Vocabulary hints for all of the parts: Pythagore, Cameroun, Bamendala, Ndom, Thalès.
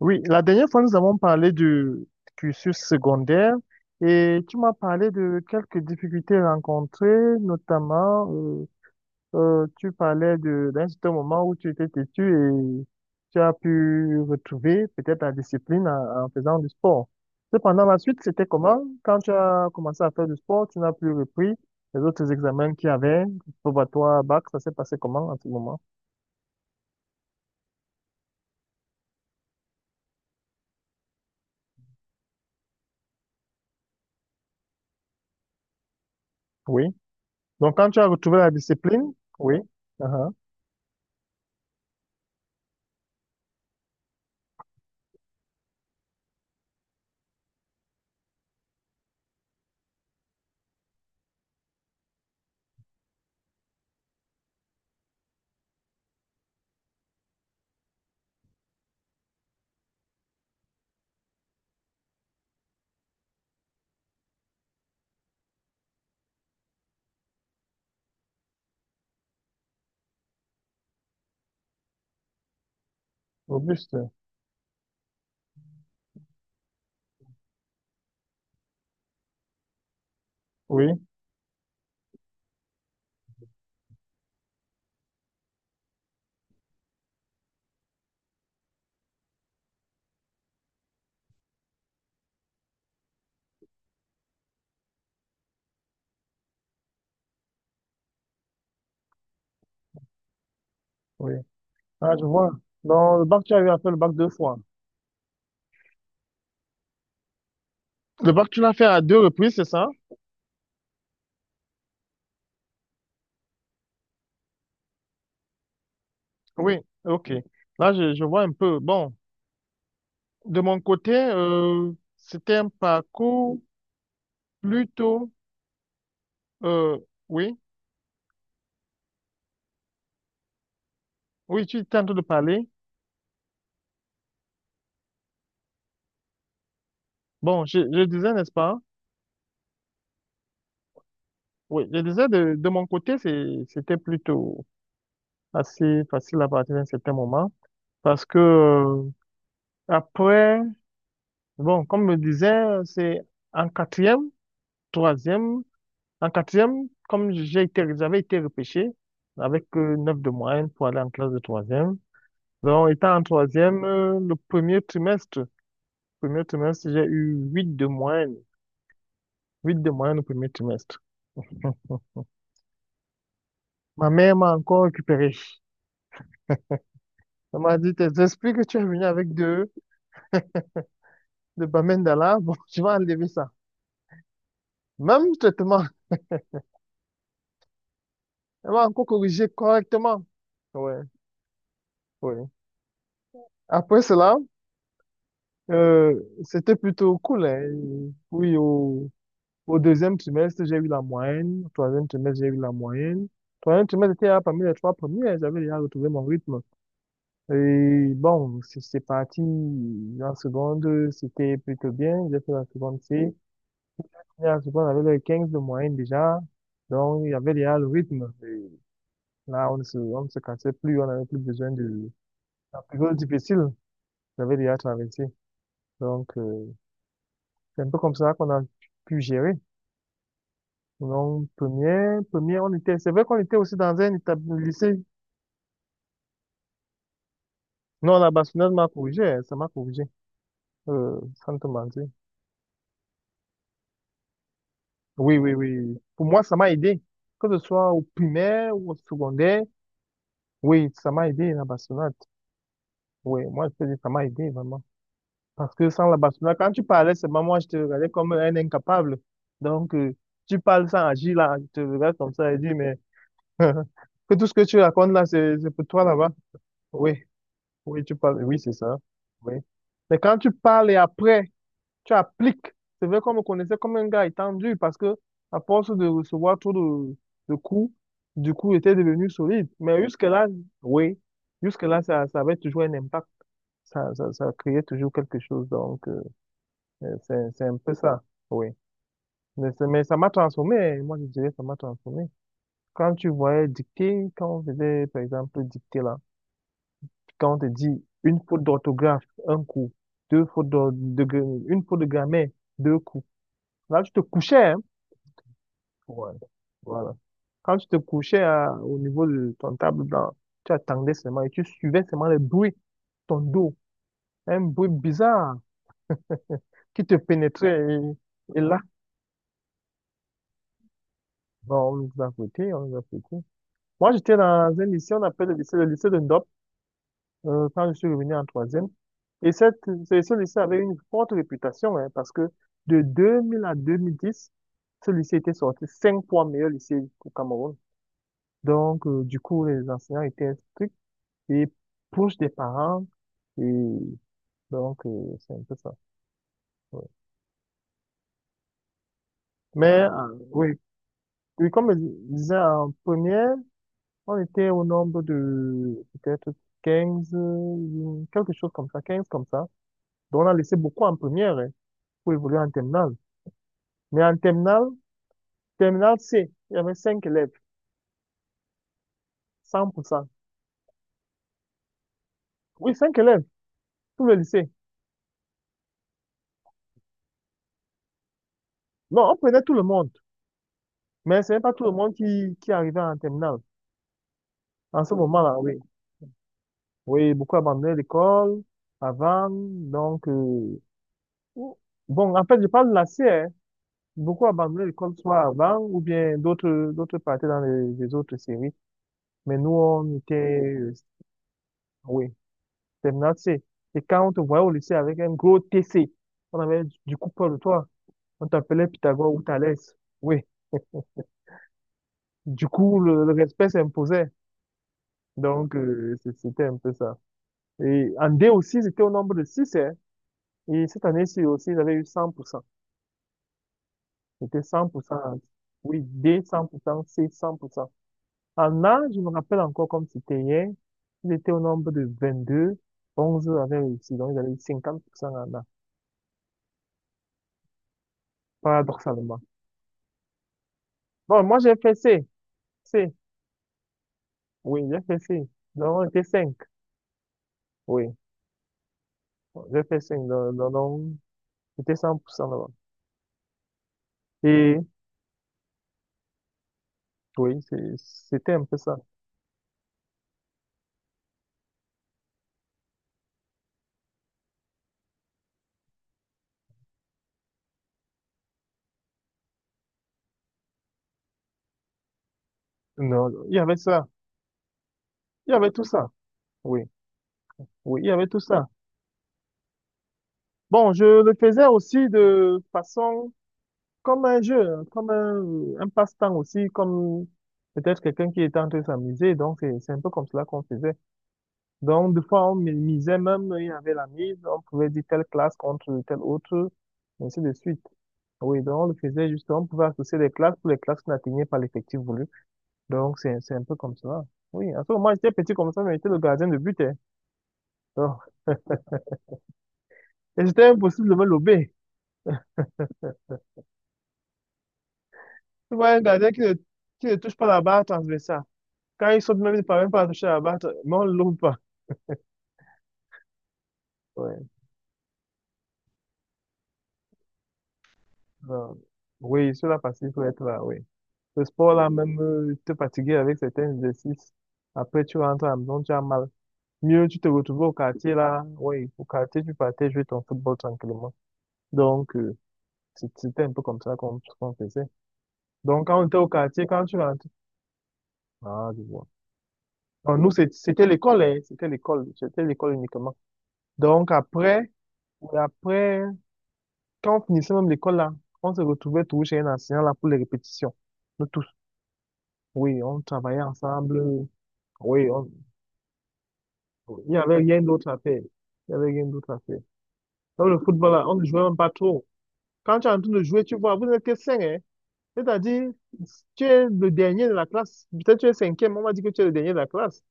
Oui, la dernière fois, nous avons parlé du cursus secondaire et tu m'as parlé de quelques difficultés rencontrées, notamment, tu parlais d'un certain moment où tu étais têtu et tu as pu retrouver peut-être ta discipline en faisant du sport. Cependant, la suite, c'était comment? Quand tu as commencé à faire du sport, tu n'as plus repris les autres examens qu'il y avait, probatoire, bac, ça s'est passé comment en ce moment? Oui. Donc, quand tu as retrouvé la discipline, oui, uh-huh, Auguste. Oui, oui. Ah, je vois. Dans le bac, tu as eu à faire le bac deux fois. Le bac, tu l'as fait à deux reprises, c'est ça? Oui, ok. Là, je vois un peu. Bon, de mon côté, c'était un parcours plutôt... euh, oui, oui, tu étais en train de parler. Bon, je disais, n'est-ce pas? Oui, je disais, de mon côté, c'était plutôt assez facile à partir d'un certain moment. Parce que après, bon, comme je le disais, c'est en quatrième, troisième. En quatrième, comme j'avais été repêché avec 9 de moyenne pour aller en classe de troisième. Donc, étant en troisième, le premier trimestre, j'ai eu 8 de moyenne au premier trimestre. Ma mère m'a encore récupéré. Elle m'a dit, tes esprits que tu es venu avec de Bamendala, bon, tu vas enlever ça. Même traitement, elle m'a encore corrigé correctement. Ouais, ouais. Après cela, c'était plutôt cool, hein. Oui, au- Au deuxième trimestre, j'ai eu la moyenne. Au troisième trimestre, j'ai eu la moyenne. Troisième trimestre, j'étais là parmi les trois premiers. J'avais déjà retrouvé mon rythme. Et bon, c'est parti. En seconde, c'était plutôt bien. J'ai fait la seconde C. Et en seconde, on avait le 15 de moyenne déjà. Donc, il y avait déjà le rythme. Et là, on ne se cassait plus. On n'avait plus besoin de la période difficile. J'avais déjà traversé. Donc, c'est un peu comme ça qu'on a pu gérer. Non première, on était, c'est vrai qu'on était aussi dans un établissement lycée. Non, la bâtonneuse m'a corrigé, hein, ça m'a corrigé, euh, sans te mentir. Oui, oui, oui, oui. Pour moi, ça m'a aidé. Que ce soit au primaire ou au secondaire, oui, ça m'a aidé, la bastonnade. Oui, moi, je te dis ça m'a aidé, vraiment. Parce que sans la bastonnade, quand tu parlais, seulement moi, je te regardais comme un incapable. Donc, tu parles sans agir, là, je te regarde comme ça et dis, mais, que tout ce que tu racontes, là, c'est pour toi, là-bas. Oui. Oui, tu parles, oui, c'est ça. Oui. Mais quand tu parles et après, tu appliques, c'est vrai qu'on me connaissait comme un gars étendu parce que, à force de recevoir trop de coups, du coup, il était devenu solide. Mais jusque-là, oui, jusque-là, ça avait toujours un impact. Ça créait toujours quelque chose. Donc, c'est un peu ça. Oui. Mais ça m'a transformé. Moi, je dirais, ça m'a transformé. Quand tu voyais dicter, quand on faisait, par exemple, dicter là, quand on te dit une faute d'orthographe, un coup, deux fautes d'or- de, gra- une faute de grammaire, deux coups. Là, tu te couchais, hein. Ouais. Voilà. Quand tu te au niveau de ton table blanc, tu attendais seulement et tu suivais seulement le bruit, ton dos, un bruit bizarre qui te pénétrait. Et là, bon, on nous a foutus. Moi, j'étais dans un lycée, on appelle le lycée de Ndom. Quand je suis revenu en troisième. Et ce ce lycée avait une forte réputation, hein, parce que de 2000 à 2010, ce lycée était sorti cinq fois meilleur lycée au Cameroun. Donc, du coup, les enseignants étaient stricts et proches des parents. Et donc, c'est un peu ça, ouais. Mais, oui, oui, comme je disais, en première, on était au nombre de peut-être 15 quelque chose comme ça, 15 comme ça. Donc, on a laissé beaucoup en première, hein, pour évoluer en terminale. Mais en terminale, terminale C, il y avait cinq élèves, 100%. Oui, cinq élèves, tout le lycée. Non, on prenait tout le monde, mais ce n'est pas tout le monde qui arrivait en terminale. En ce moment-là, oui. Oui, beaucoup abandonnaient l'école avant, donc... bon, en fait, je parle de la C, hein. Beaucoup abandonnaient l'école soit avant ou bien d'autres partaient dans les autres séries. Mais nous, on était, oui, terminale C. Et quand on te voyait au lycée avec un gros TC, on avait du coup peur de toi. On t'appelait Pythagore ou Thalès. Oui. Du coup, le respect s'imposait. Donc, c'était un peu ça. Et en D aussi, c'était au nombre de 6, hein. Et cette année-ci aussi, ils avaient eu cent pour cent. C'était 100%. Oui, D, cent pour cent, C, cent pour cent. En A, je me rappelle encore comme c'était hier. Ils étaient au nombre de 22, 11 avaient réussi. Donc, ils avaient eu 50% en A. Paradoxalement. Bon, moi, j'ai fait C. C. Oui, j'ai fait C. Donc, on était 5. Oui. J'ai fait cinq, donc j'étais 100% là-bas. Et oui, c'était un peu ça. Non, il y avait ça. Il y avait tout ça. Oui, oui, il y avait tout ça. Bon, je le faisais aussi de façon comme un jeu, hein, comme un passe-temps aussi, comme peut-être quelqu'un qui était en train de s'amuser. Donc, c'est un peu comme cela qu'on faisait. Donc, des fois, misait même, il y avait la mise, on pouvait dire telle classe contre telle autre, et ainsi de suite. Oui, donc on le faisait justement, on pouvait associer les classes pour les classes qui n'atteignaient pas l'effectif voulu. Donc, c'est un peu comme ça. Oui, en ce moment j'étais petit comme ça, mais j'étais le gardien de but, hein. Donc, et c'était impossible de me lober. Tu vois, un gardien qui ne touche pas la barre transversale. Quand il saute, même, il ne parvient pas à toucher la barre, mais on ne le lobe pas. Ouais. Donc, oui, sur la partie, il faut être là, oui. Ce sport-là, même, te fatiguer avec certains exercices. Après, tu rentres à la maison, tu as mal. Mieux, tu te retrouves au quartier, là. Oui, au quartier, tu partais jouer ton football tranquillement. Donc, c'était un peu comme ça qu'on faisait. Donc, quand on était au quartier, quand tu rentrais, ah, je vois. Non, nous, c'était l'école, hein. C'était l'école. C'était l'école uniquement. Donc, après, ouais, après, quand on finissait même l'école, là, on se retrouvait tous chez un enseignant, là, pour les répétitions. Nous tous. Oui, on travaillait ensemble. Oui, il n'y avait rien d'autre à faire. Il n'y avait rien d'autre à faire. Dans le football, là, on ne jouait même pas trop. Quand tu es en train de jouer, tu vois, vous n'êtes que cinq, hein. C'est-à-dire, tu es le dernier de la classe. Peut-être tu es cinquième, on m'a dit que tu es le dernier de la classe.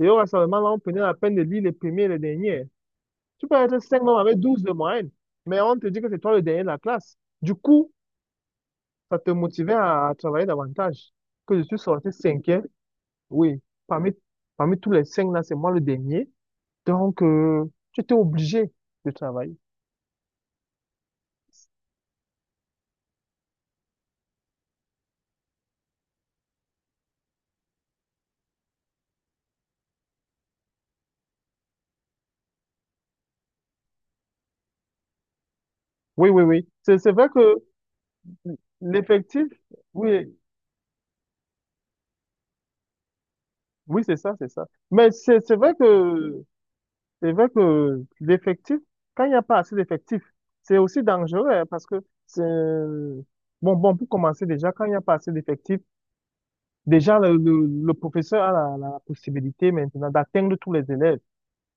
Et on va seulement, là, on prenait la peine de lire les premiers et les derniers. Tu peux être cinq membres avec 12 de moyenne, mais on te dit que c'est toi le dernier de la classe. Du coup, ça te motivait à travailler davantage. Que je suis sorti cinquième, oui, parmi, parmi tous les cinq là, c'est moi le dernier. Donc, tu étais obligé de travailler. Oui, oui, oui. C'est vrai que l'effectif, oui, oui, c'est ça. Mais c'est vrai que c'est vrai que l'effectif, quand il n'y a pas assez d'effectifs, c'est aussi dangereux hein, parce que c'est... bon, pour commencer déjà, quand il n'y a pas assez d'effectifs, déjà le professeur a la possibilité maintenant d'atteindre tous les élèves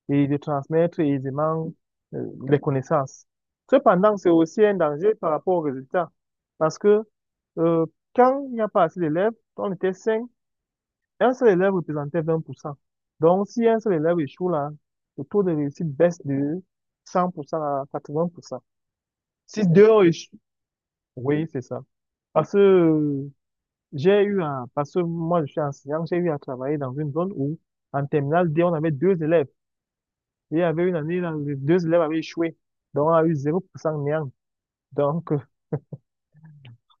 et de transmettre aisément les connaissances. Cependant, c'est aussi un danger par rapport aux résultats parce que euh, quand il n'y a pas assez d'élèves, on était cinq, un seul élève représentait 20%. Donc, si un seul élève échoue là, le taux de réussite baisse de 100% à 80%. Si deux ont échoué, oui, c'est ça. Parce que j'ai eu un, parce que moi je suis enseignant, j'ai eu à travailler dans une zone où, en terminale D, on avait deux élèves. Et il y avait une année, là, les deux élèves avaient échoué. Donc, on a eu 0% néant. Donc,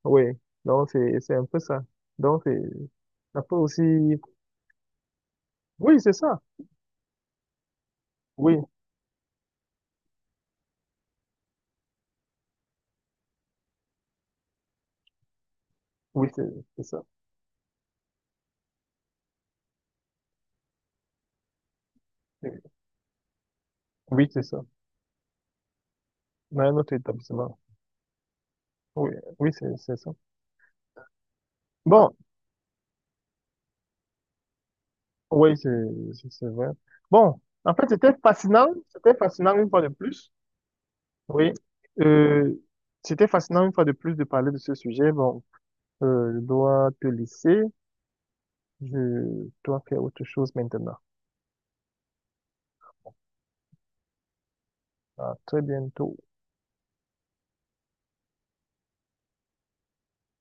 oui. Donc, c'est un peu ça. Donc, ça peut aussi, oui, c'est ça. Oui, oui, c'est ça. Oui, c'est ça. Ouais, notre établissement. Oui, oui, c'est ça. Bon, oui, c'est vrai. Bon, en fait, c'était fascinant. C'était fascinant une fois de plus. Oui. Euh, c'était fascinant une fois de plus de parler de ce sujet. Bon, je dois te laisser. Je dois faire autre chose maintenant. À très bientôt.